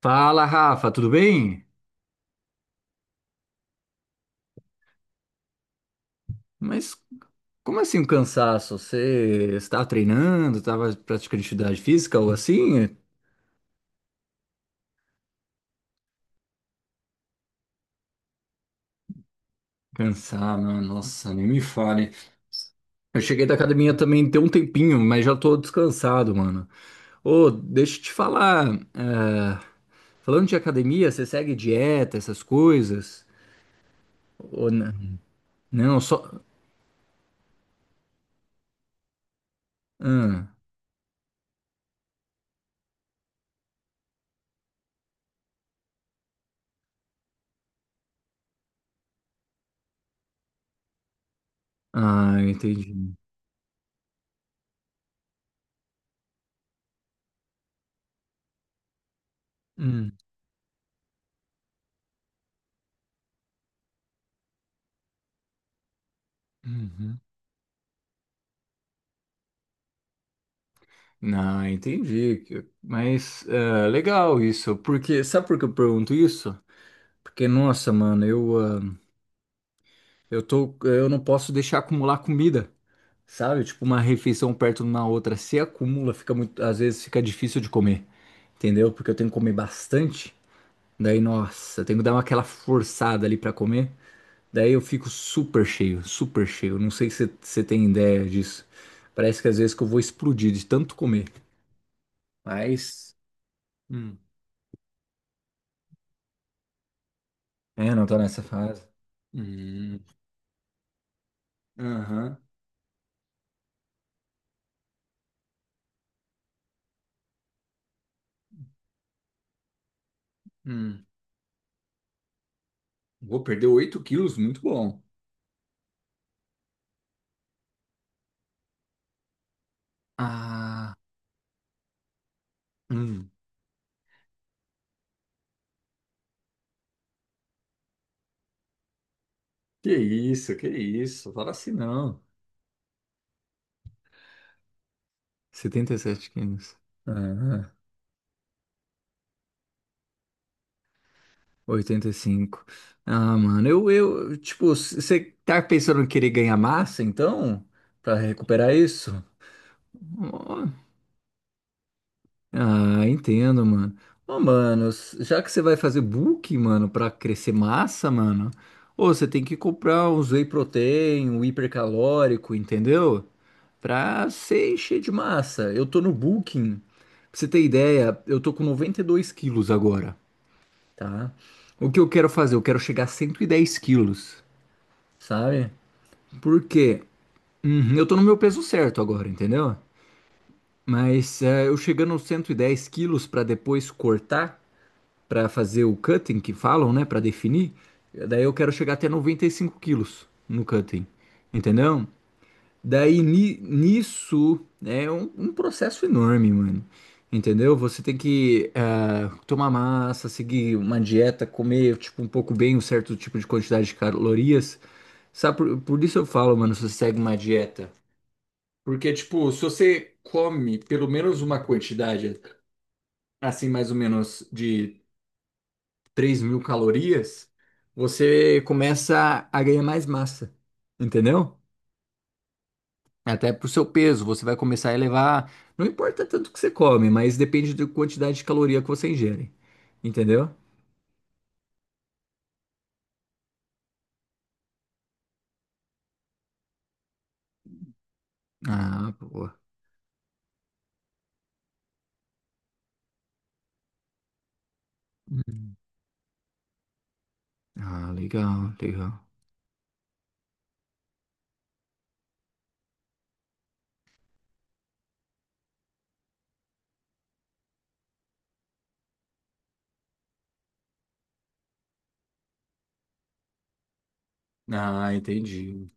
Fala, Rafa, tudo bem? Mas como assim um cansaço? Você estava treinando, estava praticando atividade física ou assim? Cansar, mano, nossa, nem me fale. Eu cheguei da academia também tem um tempinho, mas já tô descansado, mano. Ô, deixa eu te falar, é, falando de academia, você segue dieta, essas coisas? Ou não? Não, só... Ah, ah, entendi. Hum, uhum. Ah, entendi. Mas é, legal isso, porque sabe por que eu pergunto isso? Porque, nossa, mano, eu não posso deixar acumular comida, sabe? Tipo, uma refeição perto de uma outra. Se acumula, fica muito, às vezes fica difícil de comer, entendeu? Porque eu tenho que comer bastante. Daí, nossa, eu tenho que aquela forçada ali pra comer. Daí eu fico super cheio, super cheio. Não sei se você tem ideia disso. Parece que às vezes que eu vou explodir de tanto comer. Mas. Hum. É, não tô nessa fase. Hum, aham. Hum. Vou perder 8 quilos, muito bom. Ah, hum, que isso, que isso. Fala assim não. 77 quilos. Ah, 85. Ah, mano, você tá pensando em querer ganhar massa, então? Pra recuperar isso? Ah, entendo, mano. Já que você vai fazer bulk, mano, pra crescer massa, mano, ô, você tem que comprar uns whey protein, um hipercalórico, entendeu? Pra você encher de massa. Eu tô no bulking. Pra você ter ideia, eu tô com 92 quilos agora, tá? O que eu quero fazer? Eu quero chegar a 110 quilos, sabe? Porque eu tô no meu peso certo agora, entendeu? Mas eu chegando aos 110 quilos pra depois cortar, para fazer o cutting que falam, né, para definir. Daí eu quero chegar até 95 quilos no cutting, entendeu? Daí nisso é um processo enorme, mano. Entendeu? Você tem que tomar massa, seguir uma dieta, comer tipo um pouco bem um certo tipo de quantidade de calorias. Sabe, por isso eu falo, mano, se você segue uma dieta. Porque, tipo, se você come pelo menos uma quantidade, assim, mais ou menos de 3.000 calorias, você começa a ganhar mais massa, entendeu? Até pro seu peso, você vai começar a elevar. Não importa tanto o que você come, mas depende da quantidade de caloria que você ingere, entendeu? Ah, boa. Ah, legal, legal. Ah, entendi.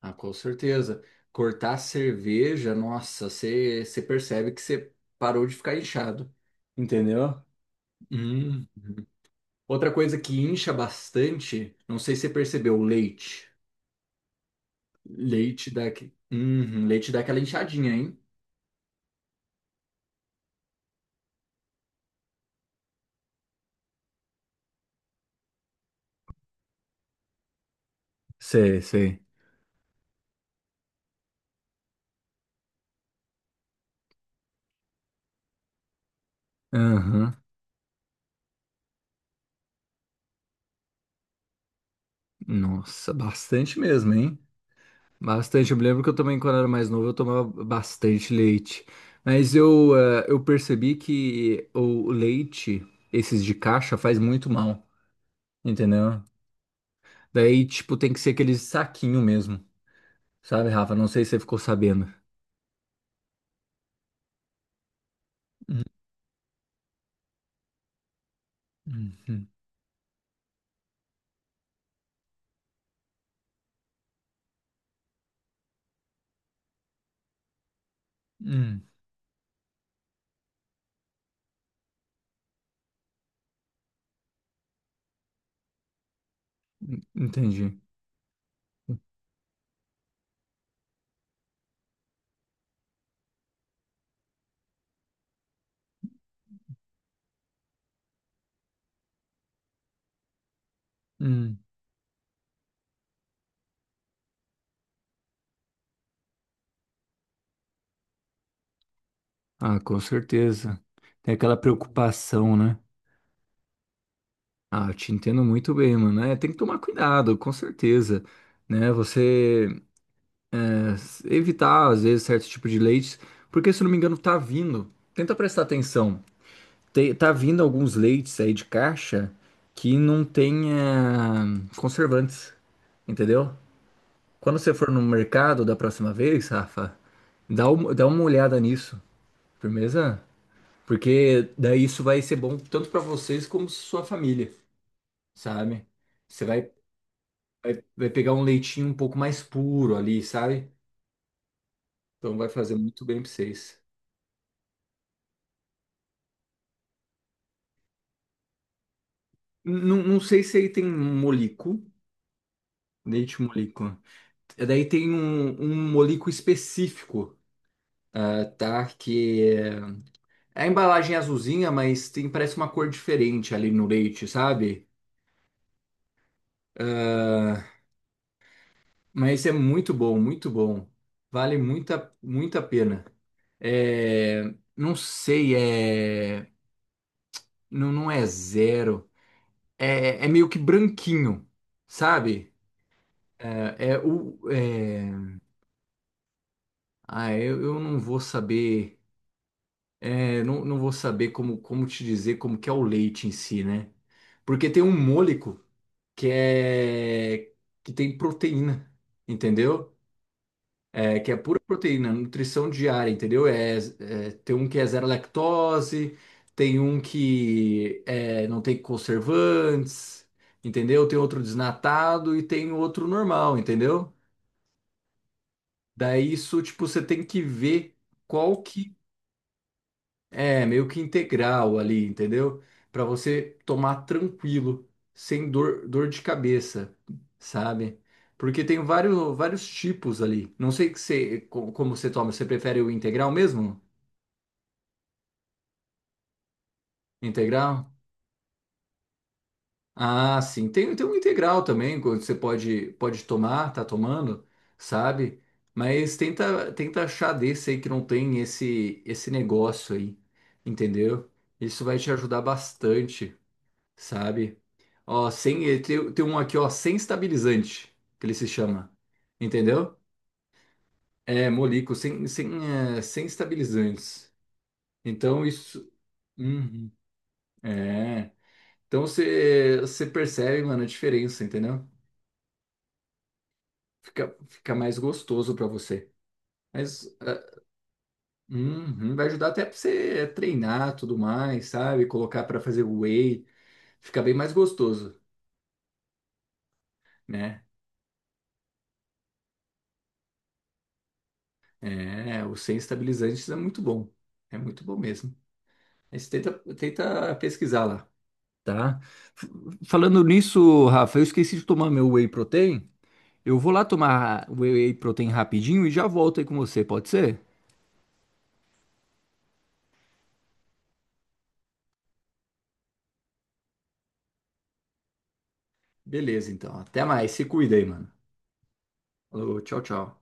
Ah, com certeza. Cortar a cerveja, nossa, você percebe que você parou de ficar inchado, entendeu? Hum. Outra coisa que incha bastante, não sei se você percebeu, leite. Leite dá, uhum, leite dá aquela inchadinha, hein? Sei, sei. Aham. Nossa, bastante mesmo, hein? Bastante. Eu me lembro que eu também, quando era mais novo, eu tomava bastante leite. Mas eu percebi que o leite, esses de caixa, faz muito mal, entendeu? Daí, tipo, tem que ser aquele saquinho mesmo, sabe, Rafa? Não sei se você ficou sabendo. Uhum. Hum, entendi. Ah, com certeza. Tem aquela preocupação, né? Ah, eu te entendo muito bem, mano. É, tem que tomar cuidado, com certeza. Né? É, Evitar, às vezes, certo tipo de leites, porque, se eu não me engano, tá vindo. Tenta prestar atenção. Tá vindo alguns leites aí de caixa que não tem conservantes, entendeu? Quando você for no mercado da próxima vez, Rafa, dá uma olhada nisso. Firmeza? Porque daí isso vai ser bom tanto para vocês como sua família, sabe? Você vai, vai pegar um leitinho um pouco mais puro ali, sabe? Então vai fazer muito bem para vocês. Não, não sei se aí tem molico, leite molico. E daí tem um molico específico, ah, tá? É a embalagem é azulzinha, mas tem parece uma cor diferente ali no leite, sabe? Ah, mas é muito bom, muito bom. Vale muita, muita pena. É, não sei, não, não é zero. É, é meio que branquinho, sabe? É, é o, é, ah, eu não vou saber, é, não, não vou saber como te dizer como que é o leite em si, né? Porque tem um môlico que é que tem proteína, entendeu? É que é pura proteína, nutrição diária, entendeu? Tem um que é zero lactose, tem um que é, não tem conservantes, entendeu? Tem outro desnatado e tem outro normal, entendeu? Daí isso, tipo, você tem que ver qual que é meio que integral ali, entendeu? Pra você tomar tranquilo, sem dor, dor de cabeça, sabe? Porque tem vários, vários tipos ali. Não sei que você, como você toma, você prefere o integral mesmo? Integral? Ah, sim. Tem, tem um integral também, que você pode, pode tomar, tá tomando, sabe? Mas tenta, tenta achar desse aí que não tem esse negócio aí, entendeu? Isso vai te ajudar bastante, sabe? Ó, sem, eh, tem, tem um aqui, ó, sem estabilizante, que ele se chama, entendeu? É, Molico, sem estabilizantes. Então, isso. Uhum. É. Então, você percebe, mano, a diferença, entendeu? Fica, fica mais gostoso para você. Mas uhum, vai ajudar até para você treinar tudo mais, sabe? Colocar para fazer whey, fica bem mais gostoso, né? É, o sem estabilizantes é muito bom mesmo. Mas tenta, tenta pesquisar lá, tá? F- Falando nisso, Rafa, eu esqueci de tomar meu whey protein. Eu vou lá tomar whey protein rapidinho e já volto aí com você, pode ser? Beleza, então. Até mais. Se cuida aí, mano. Falou, tchau, tchau.